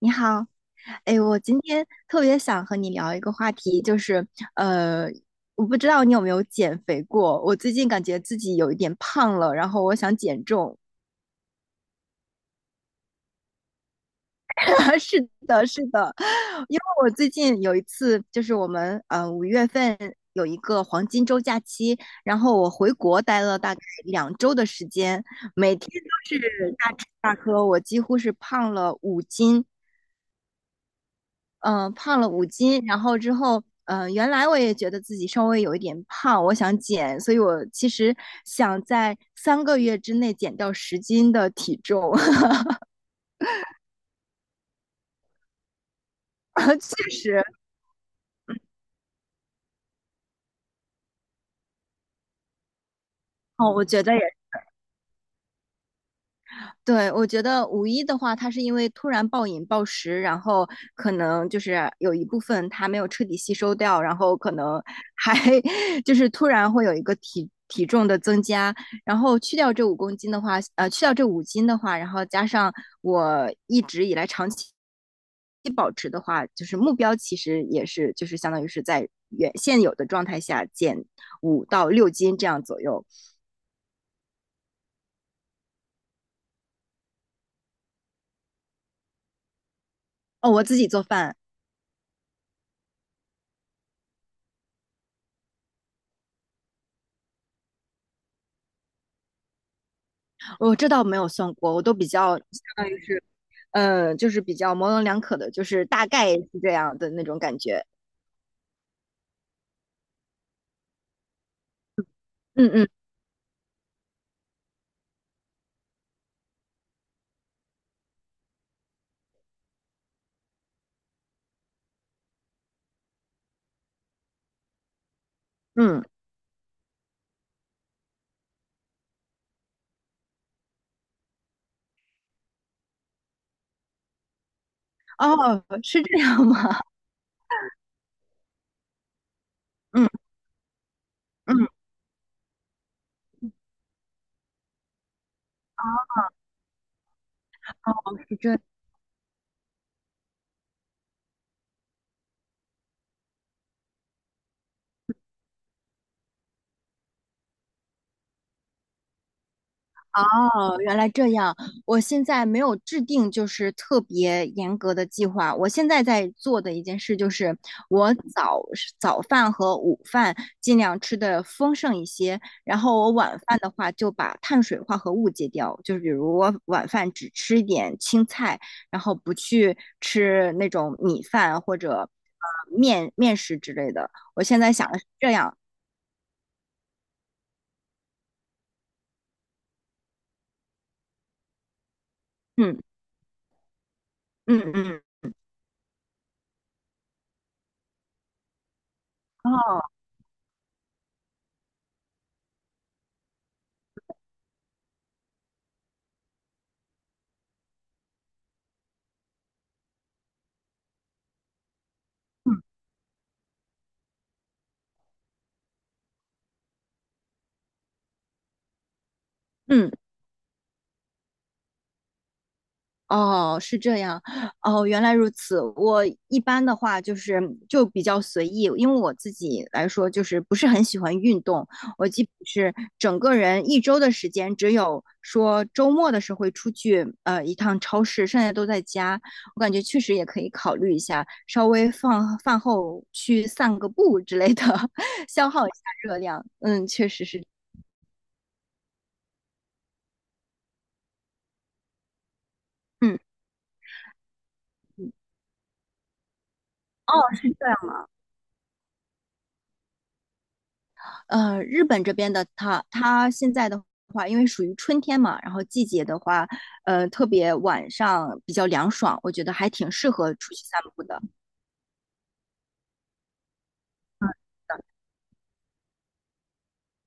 你好。哎，我今天特别想和你聊一个话题，就是，呃，我不知道你有没有减肥过，我最近感觉自己有一点胖了，然后我想减重。是的，是的，因为我最近有一次，就是我们5月份有一个黄金周假期，然后我回国待了大概2周的时间，每天都是大吃大喝，我几乎是胖了五斤。嗯，胖了五斤。然后之后，嗯，原来我也觉得自己稍微有一点胖，我想减，所以我其实想在三个月之内减掉十斤的体重。确实。哦，我觉得也对。我觉得五一的话，它是因为突然暴饮暴食，然后可能就是有一部分它没有彻底吸收掉，然后可能还 就是突然会有一个体重的增加，然后去掉这5公斤的话，去掉这五斤的话，然后加上我一直以来长期保持的话，就是目标其实也是就是相当于是在原现有的状态下减5到6斤这样左右。哦，我自己做饭。这倒没有算过，我都比较就是比较模棱两可的，就是大概是这样的那种感觉。嗯嗯。嗯。哦，是这样吗？嗯嗯。哦，原来这样。我现在没有制定就是特别严格的计划。我现在在做的一件事就是，我早早饭和午饭尽量吃的丰盛一些，然后我晚饭的话就把碳水化合物戒掉，就是比如我晚饭只吃一点青菜，然后不去吃那种米饭或者面食之类的。我现在想的是这样。嗯嗯嗯。哦。嗯。哦，是这样。哦，原来如此。我一般的话就是就比较随意，因为我自己来说就是不是很喜欢运动，我基本是整个人一周的时间，只有说周末的时候会出去一趟超市，剩下都在家。我感觉确实也可以考虑一下，稍微放饭后去散个步之类的，消耗一下热量。嗯，确实是。嗯。嗯。哦，是这样。呃，日本这边的它现在的话，因为属于春天嘛，然后季节的话，呃，特别晚上比较凉爽，我觉得还挺适合出去散步的。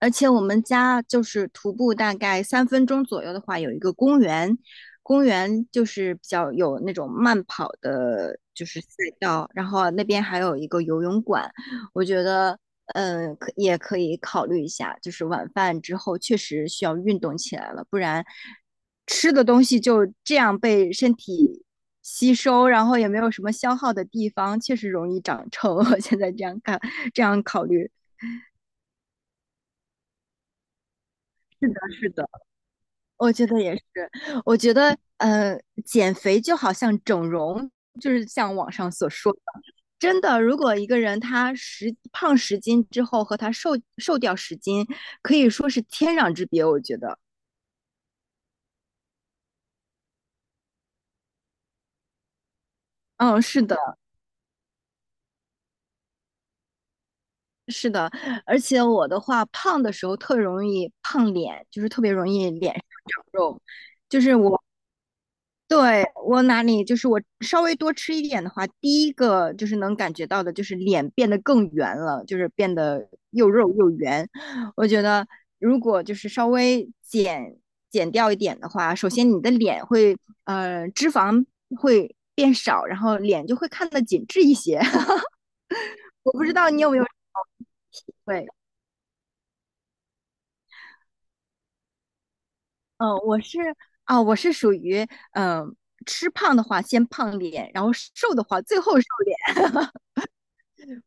而且我们家就是徒步大概3分钟左右的话，有一个公园。公园就是比较有那种慢跑的，就是赛道。然后那边还有一个游泳馆。我觉得，嗯，也可以考虑一下，就是晚饭之后确实需要运动起来了，不然吃的东西就这样被身体吸收，然后也没有什么消耗的地方，确实容易长臭。我现在这样看，这样考虑。是的。我觉得也是。我觉得，呃，减肥就好像整容，就是像网上所说的，真的，如果一个人他胖十斤之后和他瘦掉十斤，可以说是天壤之别，我觉得。嗯，是的，是的。而且我的话，胖的时候特容易胖脸，就是特别容易脸上肉。对，我哪里就是我稍微多吃一点的话，第一个就是能感觉到的，就是脸变得更圆了，就是变得又肉又圆。我觉得如果就是稍微减掉一点的话，首先你的脸会脂肪会变少，然后脸就会看得紧致一些。我不知道你有没有体会啊？我是属于嗯、呃吃胖的话先胖脸，然后瘦的话最后瘦脸。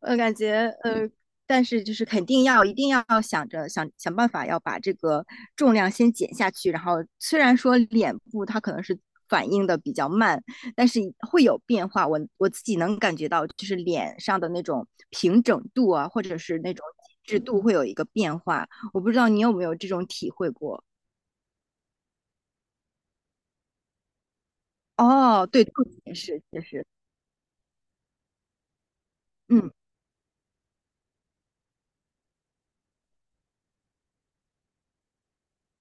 我感觉呃，但是就是肯定要一定要想想办法要把这个重量先减下去，然后虽然说脸部它可能是反应的比较慢，但是会有变化。我自己能感觉到，就是脸上的那种平整度啊，或者是那种紧致度会有一个变化。我不知道你有没有这种体会过？哦，对，肚子也是，就是，嗯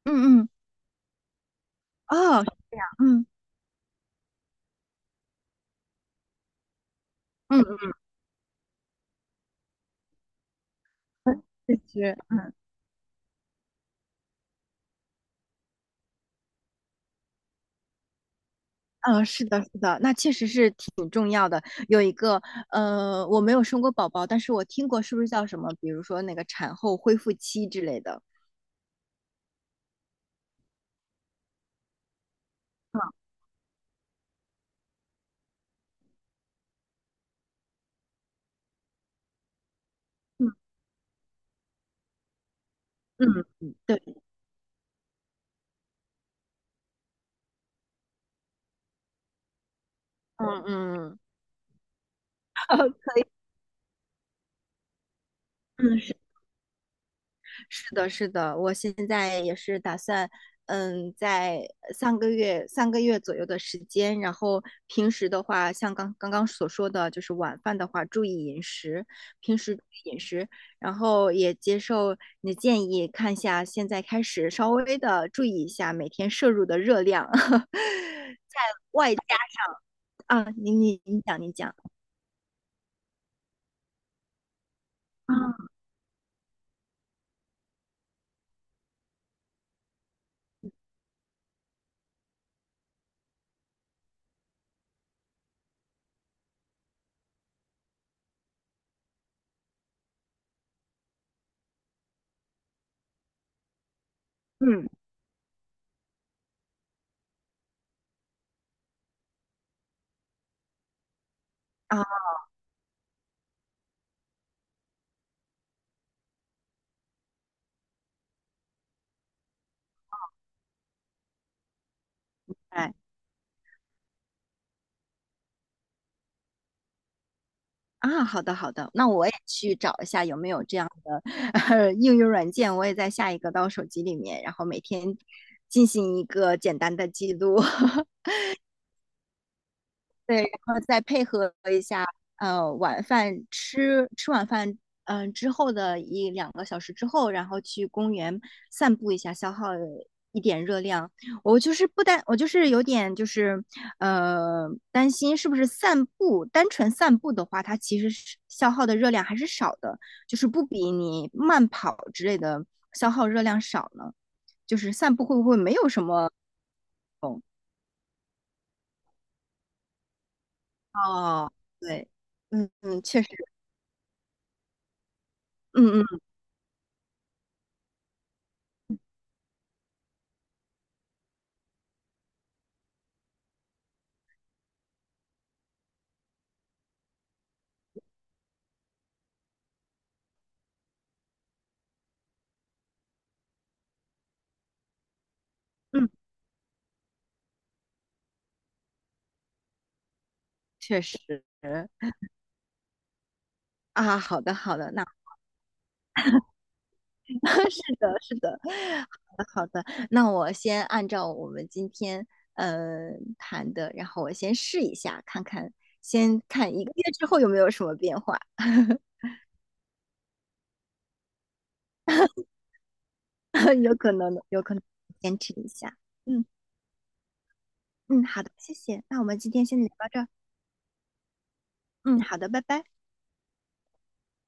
嗯。嗯。哦。嗯嗯。嗯，确实。嗯，是的，是的，那确实是挺重要的。有一个，呃，我没有生过宝宝，但是我听过，是不是叫什么？比如说那个产后恢复期之类的。嗯嗯，对。嗯嗯。嗯，是。是的，是的，我现在也是打算。嗯，在三个月左右的时间，然后平时的话，像刚所说的，就是晚饭的话，注意饮食，平时注意饮食，然后也接受你的建议，看一下现在开始稍微的注意一下每天摄入的热量。啊，你讲，你讲。啊，嗯。啊，哎。啊，好的好的，那我也去找一下有没有这样的 应用软件，我也在下一个到手机里面，然后每天进行一个简单的记录。对，然后再配合一下呃晚饭吃吃晚饭。嗯，之后的一两个小时之后，然后去公园散步一下，消耗一点热量。我就是不担，我就是有点就是担心，是不是单纯散步的话，它其实是消耗的热量还是少的，就是不比你慢跑之类的消耗热量少呢？就是散步会不会没有什么？哦，对，嗯嗯，确实，嗯嗯。嗯确实。啊，好的好的，那 是的是的，好的好的，那我先按照我们今天谈的，然后我先试一下，看看，先看一个月之后有没有什么变化。有可能的，有可能坚持一下。嗯嗯，好的，谢谢，那我们今天先聊到这儿。嗯，好的，拜拜。